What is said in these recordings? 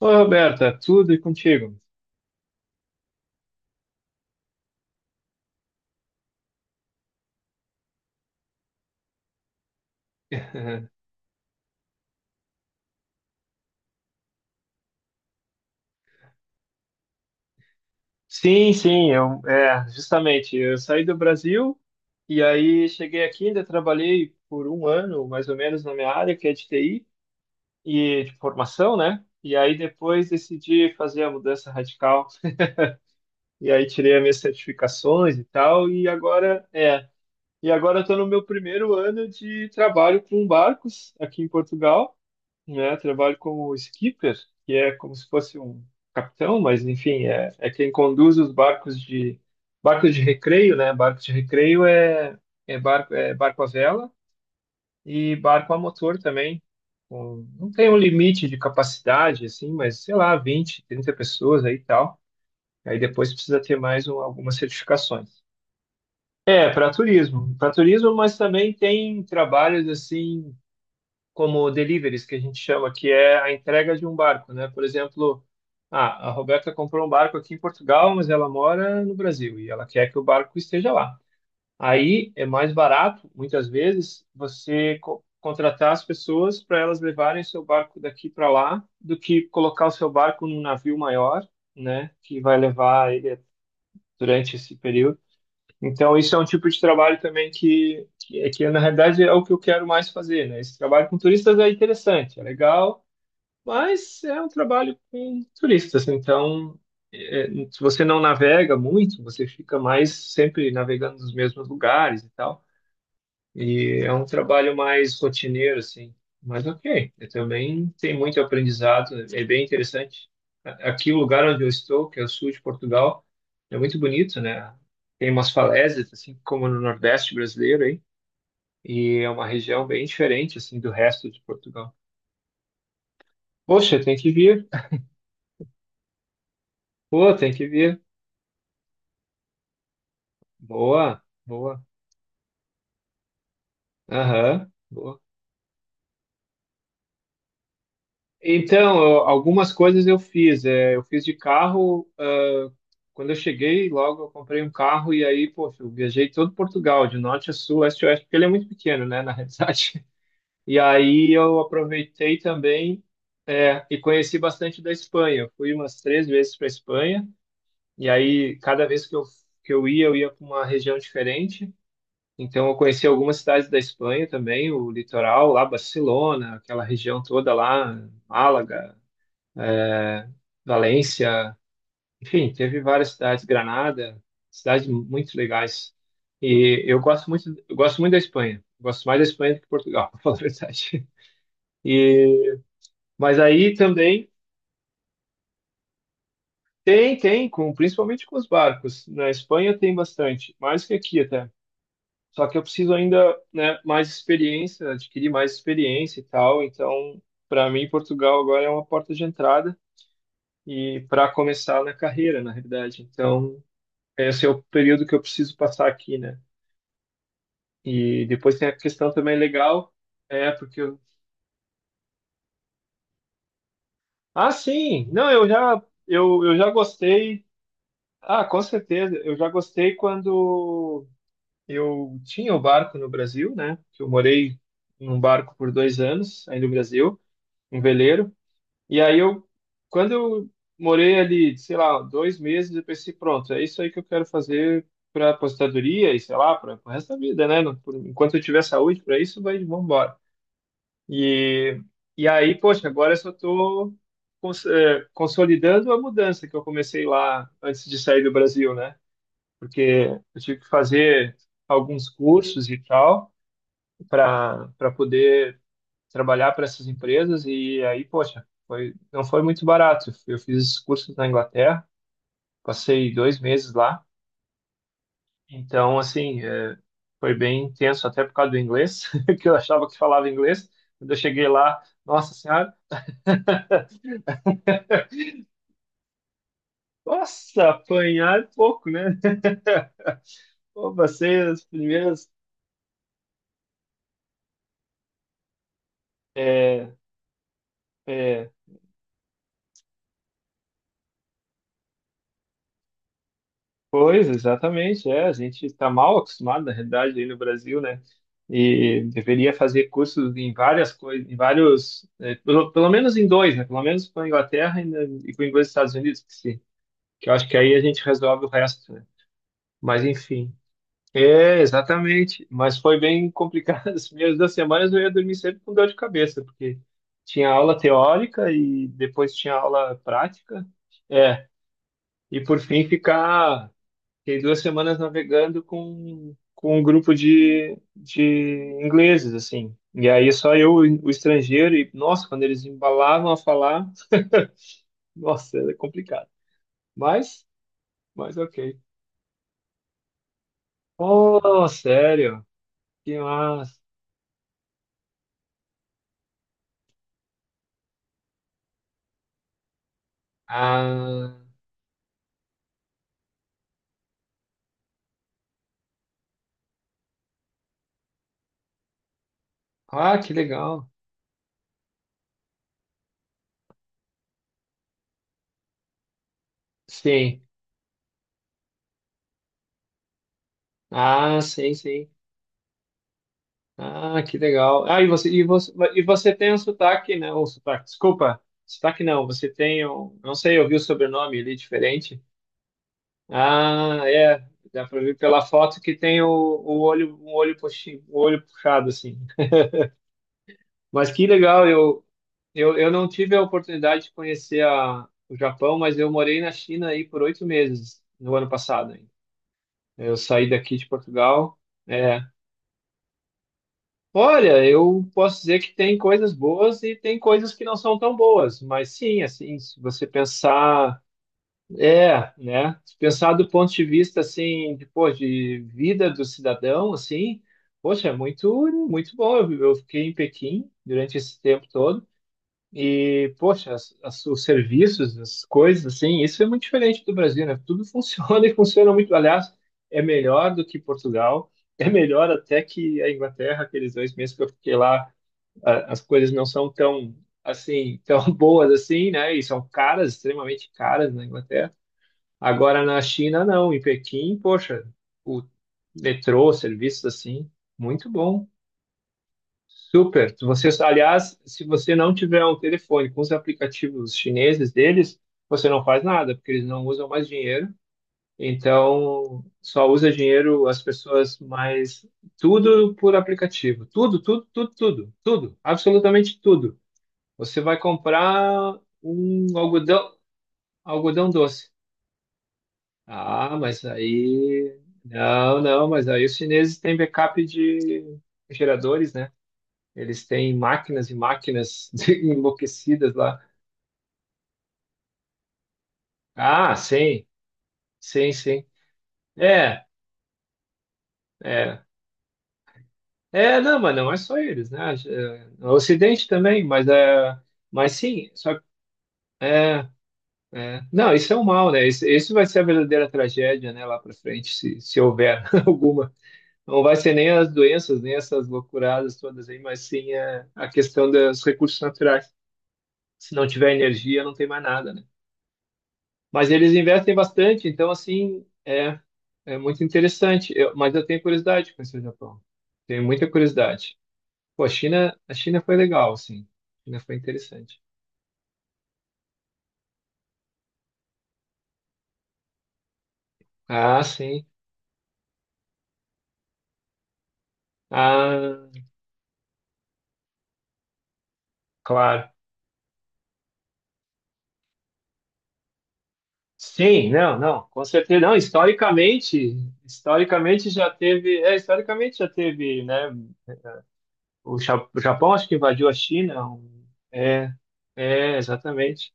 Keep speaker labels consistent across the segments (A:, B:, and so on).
A: Oi, Roberta, tudo e contigo? Justamente, eu saí do Brasil e aí cheguei aqui, ainda trabalhei por um ano, mais ou menos, na minha área, que é de TI e de formação, né? E aí depois decidi fazer a mudança radical. E aí tirei as minhas certificações e tal e agora estou no meu primeiro ano de trabalho com barcos aqui em Portugal, né? Trabalho como skipper, que é como se fosse um capitão, mas enfim, é quem conduz os barcos de recreio, né? Barco de recreio é barco à vela e barco a motor também. Não tem um limite de capacidade assim, mas sei lá, 20, 30 pessoas aí e tal. Aí depois precisa ter mais um, algumas certificações. É, para turismo. Para turismo, mas também tem trabalhos assim, como deliveries, que a gente chama, que é a entrega de um barco, né? Por exemplo, ah, a Roberta comprou um barco aqui em Portugal, mas ela mora no Brasil e ela quer que o barco esteja lá. Aí é mais barato, muitas vezes, você contratar as pessoas para elas levarem seu barco daqui para lá, do que colocar o seu barco num navio maior, né? Que vai levar ele durante esse período. Então, isso é um tipo de trabalho também que na realidade é o que eu quero mais fazer, né? Esse trabalho com turistas é interessante, é legal, mas é um trabalho com turistas. Então, é, se você não navega muito, você fica mais sempre navegando nos mesmos lugares e tal. E é um trabalho mais rotineiro, assim. Mas ok, eu também tem muito aprendizado, é bem interessante. Aqui, o lugar onde eu estou, que é o sul de Portugal, é muito bonito, né? Tem umas falésias, assim, como no Nordeste brasileiro, aí. E é uma região bem diferente, assim, do resto de Portugal. Poxa, tem que vir. Pô, tem que vir. Boa, boa. Aham, boa. Algumas coisas eu fiz. É, eu fiz de carro. Ah, quando eu cheguei, logo eu comprei um carro e aí, poxa, eu viajei todo Portugal, de norte a sul, leste a oeste, porque ele é muito pequeno, né, na realidade. E aí eu aproveitei também, é, e conheci bastante da Espanha. Eu fui umas três vezes para Espanha e aí cada vez que eu ia, eu ia para uma região diferente. Então eu conheci algumas cidades da Espanha também, o litoral lá, Barcelona, aquela região toda lá, Málaga. Valência, enfim, teve várias cidades, Granada, cidades muito legais. E eu gosto muito da Espanha. Gosto mais da Espanha do que Portugal, para falar a verdade. E, mas aí também tem, principalmente com os barcos. Na Espanha tem bastante, mais que aqui até. Só que eu preciso ainda, né, mais experiência, adquirir mais experiência e tal. Então, para mim, Portugal agora é uma porta de entrada e para começar na carreira, na realidade. Então, esse é o período que eu preciso passar aqui, né? E depois tem a questão também legal, é porque eu... Ah, sim. Não, eu já gostei. Ah, com certeza. Eu já gostei quando eu tinha o barco no Brasil, né? Que eu morei num barco por dois anos aí no Brasil, um veleiro. E aí eu, quando eu morei ali, sei lá, dois meses, eu pensei, pronto, é isso aí que eu quero fazer para aposentadoria e sei lá, para o resto da vida, né? Enquanto eu tiver saúde para isso, vai, vamos embora. E, e aí, poxa, agora eu só estou consolidando a mudança que eu comecei lá antes de sair do Brasil, né? Porque eu tive que fazer alguns cursos e tal para poder trabalhar para essas empresas e aí, poxa, foi, não foi muito barato. Eu fiz esses cursos na Inglaterra, passei dois meses lá, então, assim, é, foi bem intenso, até por causa do inglês, que eu achava que falava inglês. Quando eu cheguei lá, nossa senhora, nossa, apanhar é pouco, né? Pô, passei as primeiras é, é, Pois, exatamente, é, a gente está mal acostumado, na realidade, aí no Brasil, né? E deveria fazer cursos em várias coisas, em vários, pelo menos em dois, né? Pelo menos com a Inglaterra e com os Estados Unidos, que, se, que eu acho que aí a gente resolve o resto, né? Mas enfim, é, exatamente, mas foi bem complicado, as primeiras duas semanas eu ia dormir sempre com dor de cabeça, porque tinha aula teórica e depois tinha aula prática, é, e por fim ficar Fiquei duas semanas navegando com um grupo de ingleses, assim. E aí só eu, o estrangeiro, e nossa, quando eles embalavam a falar, nossa, era complicado. Mas, mas ok. Oh, sério? Que massa. Ah, ah, que legal. Sim. Ah, sim, sim. Ah, que legal. Ah, e você tem um sotaque, né? Ou sotaque, desculpa. Sotaque não, você tem um, não sei, eu vi o sobrenome ali diferente. Ah, é. Dá pra ver pela foto que tem o olho puxado, assim. Mas que legal, eu não tive a oportunidade de o Japão, mas eu morei na China aí por oito meses no ano passado. Hein. Eu saí daqui de Portugal. É. Olha, eu posso dizer que tem coisas boas e tem coisas que não são tão boas, mas sim, assim, se você pensar. É, né? Se pensar do ponto de vista assim, de, pô, de vida do cidadão, assim, poxa, é muito, muito bom. Eu fiquei em Pequim durante esse tempo todo e, poxa, os serviços, as coisas, assim, isso é muito diferente do Brasil, né? Tudo funciona e funciona muito. Aliás, é melhor do que Portugal, é melhor até que a Inglaterra, aqueles dois meses que eu fiquei lá, as coisas não são tão assim, tão boas assim, né? E são caras, extremamente caras na Inglaterra. Agora na China, não. Em Pequim, poxa, o metrô, serviços assim, muito bom. Super. Você, aliás, se você não tiver um telefone com os aplicativos chineses deles, você não faz nada, porque eles não usam mais dinheiro. Então, só usa dinheiro as pessoas mais. Tudo por aplicativo. Tudo, tudo, tudo, tudo, tudo. Absolutamente tudo. Você vai comprar um algodão, algodão doce. Ah, mas aí. Não, não, mas aí os chineses têm backup de geradores, né? Eles têm máquinas e máquinas enlouquecidas lá. Ah, sim, sim, sim. É, é. É, não, mas não é só eles, né? É, o Ocidente também, mas, é, mas sim, só. É, é. Não, isso é um mal, né? Isso vai ser a verdadeira tragédia, né, lá para frente, se houver alguma. Não vai ser nem as doenças, nem essas loucuradas todas aí, mas sim a questão dos recursos naturais. Se não tiver energia, não tem mais nada, né? Mas eles investem bastante, então, assim, é, é muito interessante. Mas eu tenho curiosidade de conhecer o Japão. Tenho muita curiosidade. Pô, a China foi legal, assim. A China foi interessante. Ah, sim. Ah, claro. Sim, não, não, com certeza não. Historicamente, historicamente já teve, é, historicamente já teve, né? O Japão acho que invadiu a China. Um- é, é, exatamente.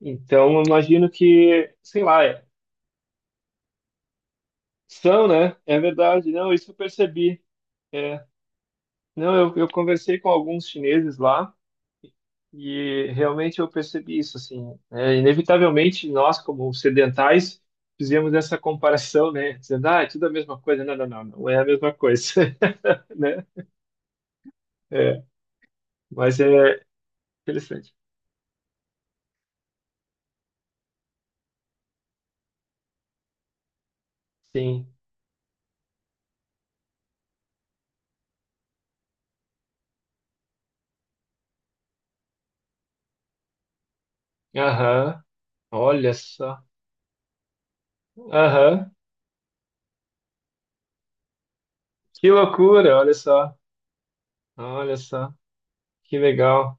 A: Então, eu imagino que, sei lá, é- são, né? É verdade. Não, isso eu percebi. É. Não, eu conversei com alguns chineses lá e realmente eu percebi isso, assim. É, inevitavelmente, nós, como ocidentais, fizemos essa comparação, né? Dizendo, ah, é tudo a mesma coisa. Não, não é a mesma coisa, né? É, mas é interessante. Sim. Aham. Olha só. Aham. Que loucura, olha só, que legal.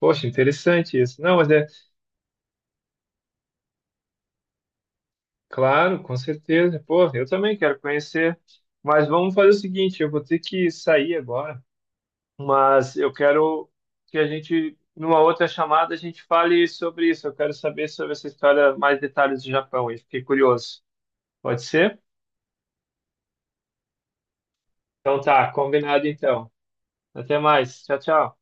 A: Poxa, interessante isso. Não, mas é claro, com certeza. Pô, eu também quero conhecer. Mas vamos fazer o seguinte, eu vou ter que sair agora, mas eu quero que a gente, numa outra chamada, a gente fale sobre isso. Eu quero saber sobre essa história, mais detalhes do Japão. Eu fiquei curioso. Pode ser? Então tá, combinado então. Até mais. Tchau, tchau.